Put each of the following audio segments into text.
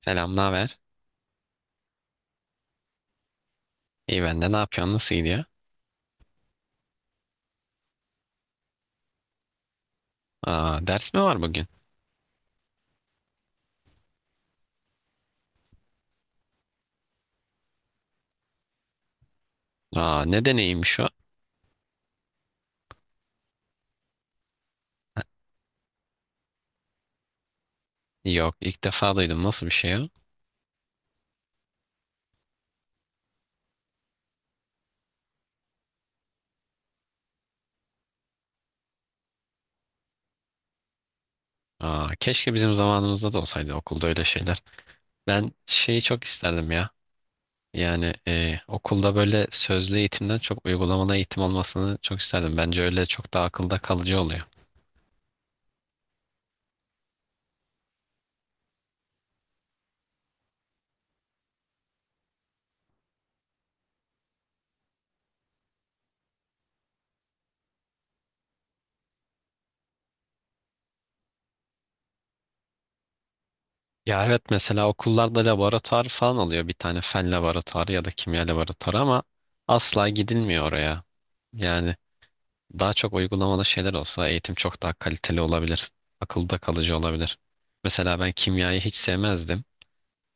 Selam, ne haber? İyi ben de. Ne yapıyorsun? Nasıl gidiyor? Aa, ders mi var bugün? Aa, ne deneyimmiş o? Yok, ilk defa duydum. Nasıl bir şey o? Aa, keşke bizim zamanımızda da olsaydı okulda öyle şeyler. Ben şeyi çok isterdim ya. Yani okulda böyle sözlü eğitimden çok uygulamalı eğitim olmasını çok isterdim. Bence öyle çok daha akılda kalıcı oluyor. Ya evet, mesela okullarda laboratuvar falan oluyor. Bir tane fen laboratuvarı ya da kimya laboratuvarı ama asla gidilmiyor oraya. Yani daha çok uygulamalı şeyler olsa eğitim çok daha kaliteli olabilir. Akılda kalıcı olabilir. Mesela ben kimyayı hiç sevmezdim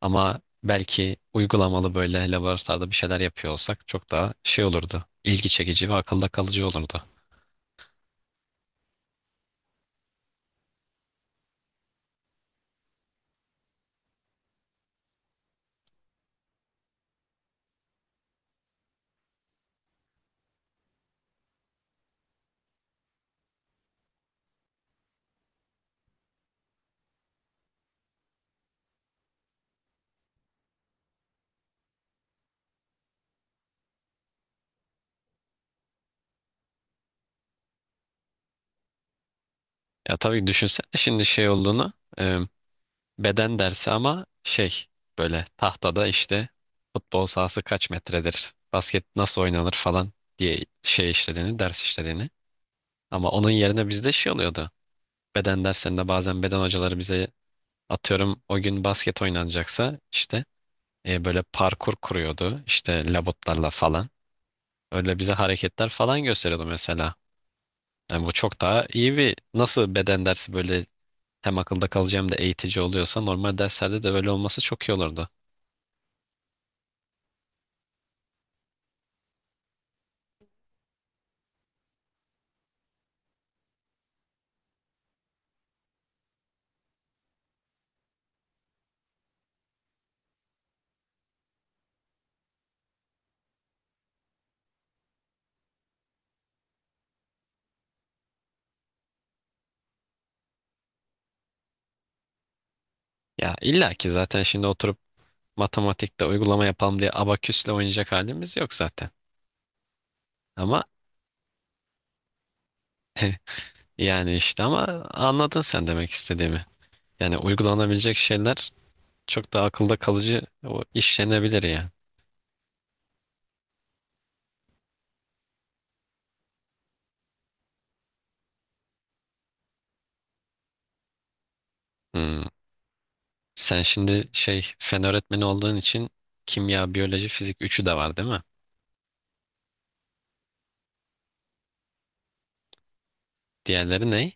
ama belki uygulamalı böyle laboratuvarda bir şeyler yapıyor olsak çok daha şey olurdu. İlgi çekici ve akılda kalıcı olurdu. Ya tabii, düşünsene şimdi şey olduğunu, e, beden dersi ama şey, böyle tahtada işte futbol sahası kaç metredir, basket nasıl oynanır falan diye şey işlediğini, ders işlediğini. Ama onun yerine bizde şey oluyordu. Beden derslerinde bazen beden hocaları bize, atıyorum o gün basket oynanacaksa işte, böyle parkur kuruyordu işte labutlarla falan. Öyle bize hareketler falan gösteriyordu mesela. Yani bu çok daha iyi bir, nasıl beden dersi böyle hem akılda kalıcı hem de eğitici oluyorsa normal derslerde de böyle olması çok iyi olurdu. Ya illa ki zaten şimdi oturup matematikte uygulama yapalım diye abaküsle oynayacak halimiz yok zaten. Ama yani işte ama anladın sen demek istediğimi. Yani uygulanabilecek şeyler çok da akılda kalıcı, o işlenebilir ya. Hmm. Sen şimdi şey, fen öğretmeni olduğun için kimya, biyoloji, fizik üçü de var değil mi? Diğerleri ne?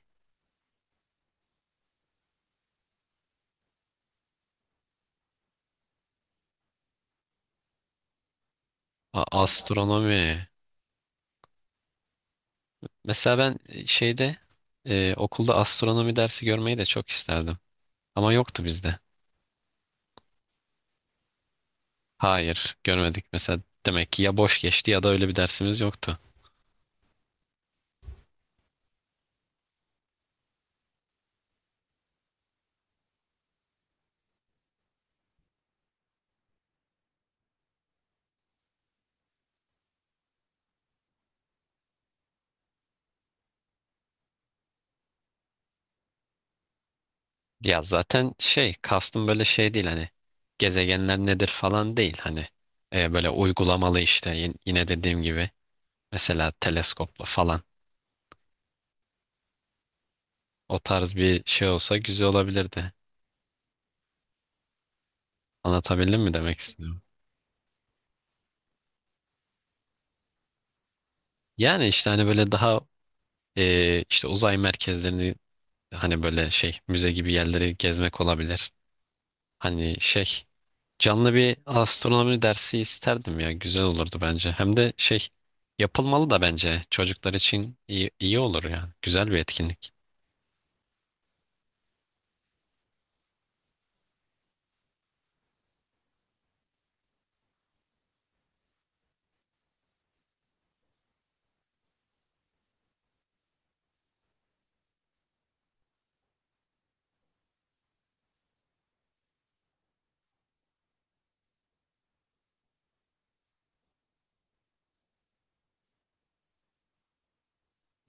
A- astronomi. Mesela ben şeyde, okulda astronomi dersi görmeyi de çok isterdim. Ama yoktu bizde. Hayır, görmedik mesela. Demek ki ya boş geçti ya da öyle bir dersimiz yoktu. Ya zaten şey kastım böyle şey değil, hani gezegenler nedir falan değil, hani, böyle uygulamalı işte yine dediğim gibi. Mesela teleskopla falan. O tarz bir şey olsa güzel olabilirdi. Anlatabildim mi demek istiyorum? Yani işte hani böyle daha, işte uzay merkezlerini, hani böyle şey, müze gibi yerleri gezmek olabilir. Hani şey, canlı bir astronomi dersi isterdim ya, güzel olurdu bence. Hem de şey, yapılmalı da bence, çocuklar için iyi, iyi olur yani. Güzel bir etkinlik.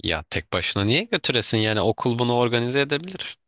Ya tek başına niye götüresin yani, okul bunu organize edebilir.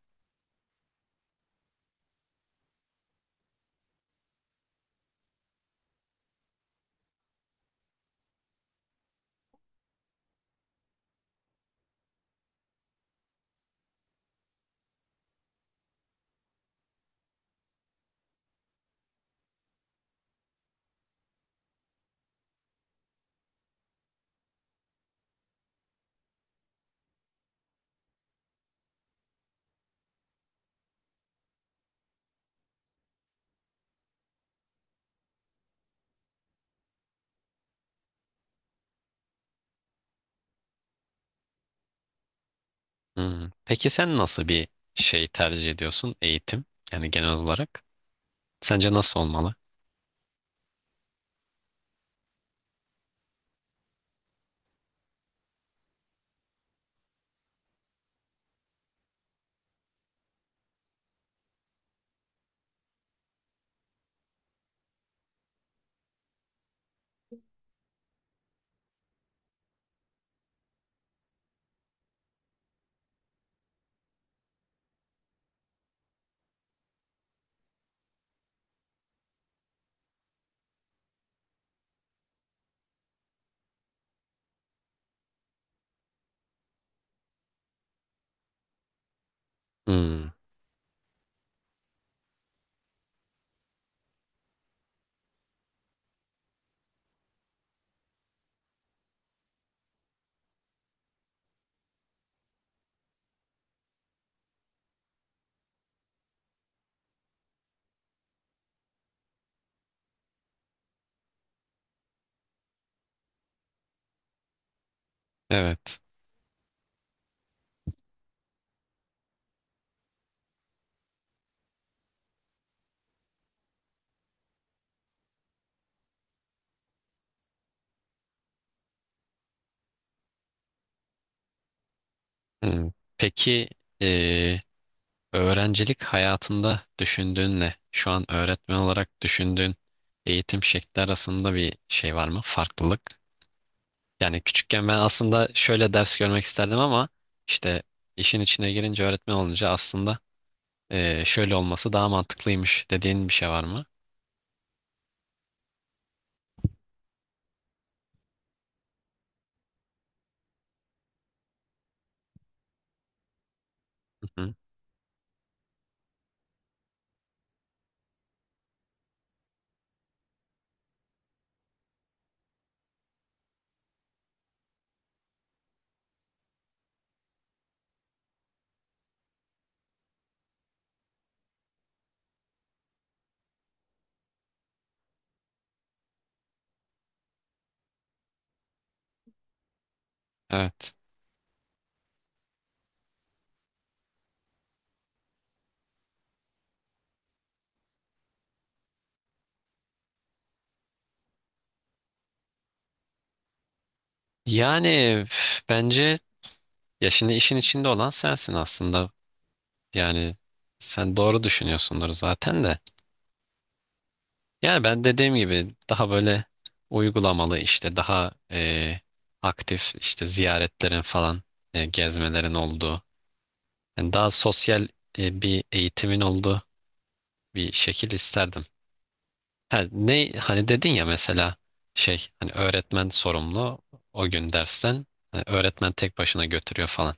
Hmm. Peki sen nasıl bir şey tercih ediyorsun, eğitim? Yani genel olarak. Sence nasıl olmalı? Hmm. Evet. Hmm. Peki eee, öğrencilik hayatında düşündüğünle şu an öğretmen olarak düşündüğün eğitim şekli arasında bir şey var mı? Farklılık. Yani küçükken ben aslında şöyle ders görmek isterdim ama işte, işin içine girince, öğretmen olunca aslında şöyle olması daha mantıklıymış dediğin bir şey var mı? Hı hı. Evet. Yani üf, bence, ya şimdi işin içinde olan sensin aslında. Yani sen doğru düşünüyorsundur zaten de. Yani ben dediğim gibi daha böyle uygulamalı, işte daha aktif, işte ziyaretlerin falan, gezmelerin olduğu. Yani daha sosyal, bir eğitimin olduğu bir şekil isterdim. Ha, ne, hani dedin ya mesela, şey, hani öğretmen sorumlu o gün dersten, hani öğretmen tek başına götürüyor falan.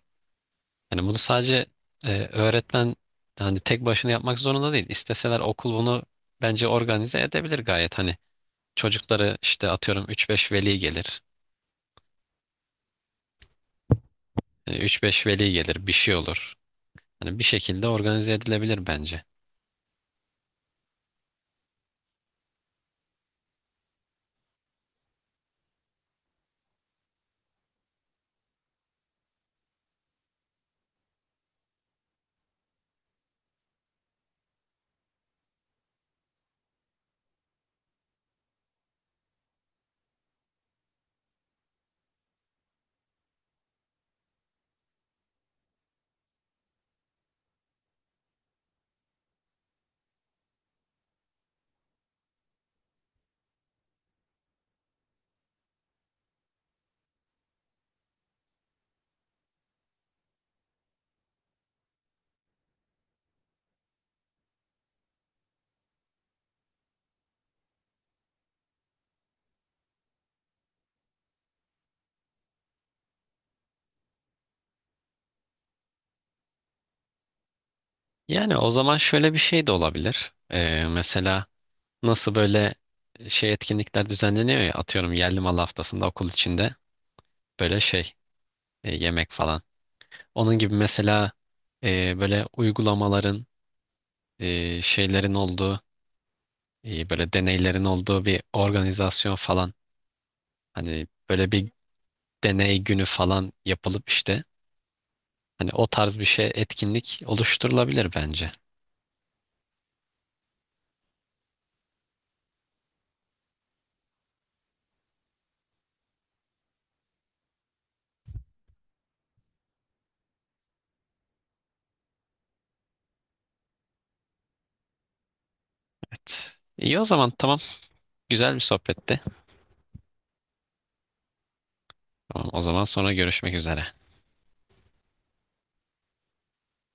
Yani bunu sadece öğretmen, hani tek başına yapmak zorunda değil. İsteseler okul bunu bence organize edebilir gayet. Hani çocukları işte atıyorum üç beş veli gelir. E, 3-5 veli gelir, bir şey olur. Hani bir şekilde organize edilebilir bence. Yani o zaman şöyle bir şey de olabilir. E, mesela nasıl böyle şey etkinlikler düzenleniyor ya, atıyorum yerli mal haftasında okul içinde böyle şey, yemek falan. Onun gibi mesela, böyle uygulamaların, şeylerin olduğu, İyi böyle deneylerin olduğu bir organizasyon falan, hani böyle bir deney günü falan yapılıp işte, hani o tarz bir şey etkinlik oluşturulabilir bence. Evet. İyi, o zaman tamam. Güzel bir sohbetti. Tamam, o zaman sonra görüşmek üzere.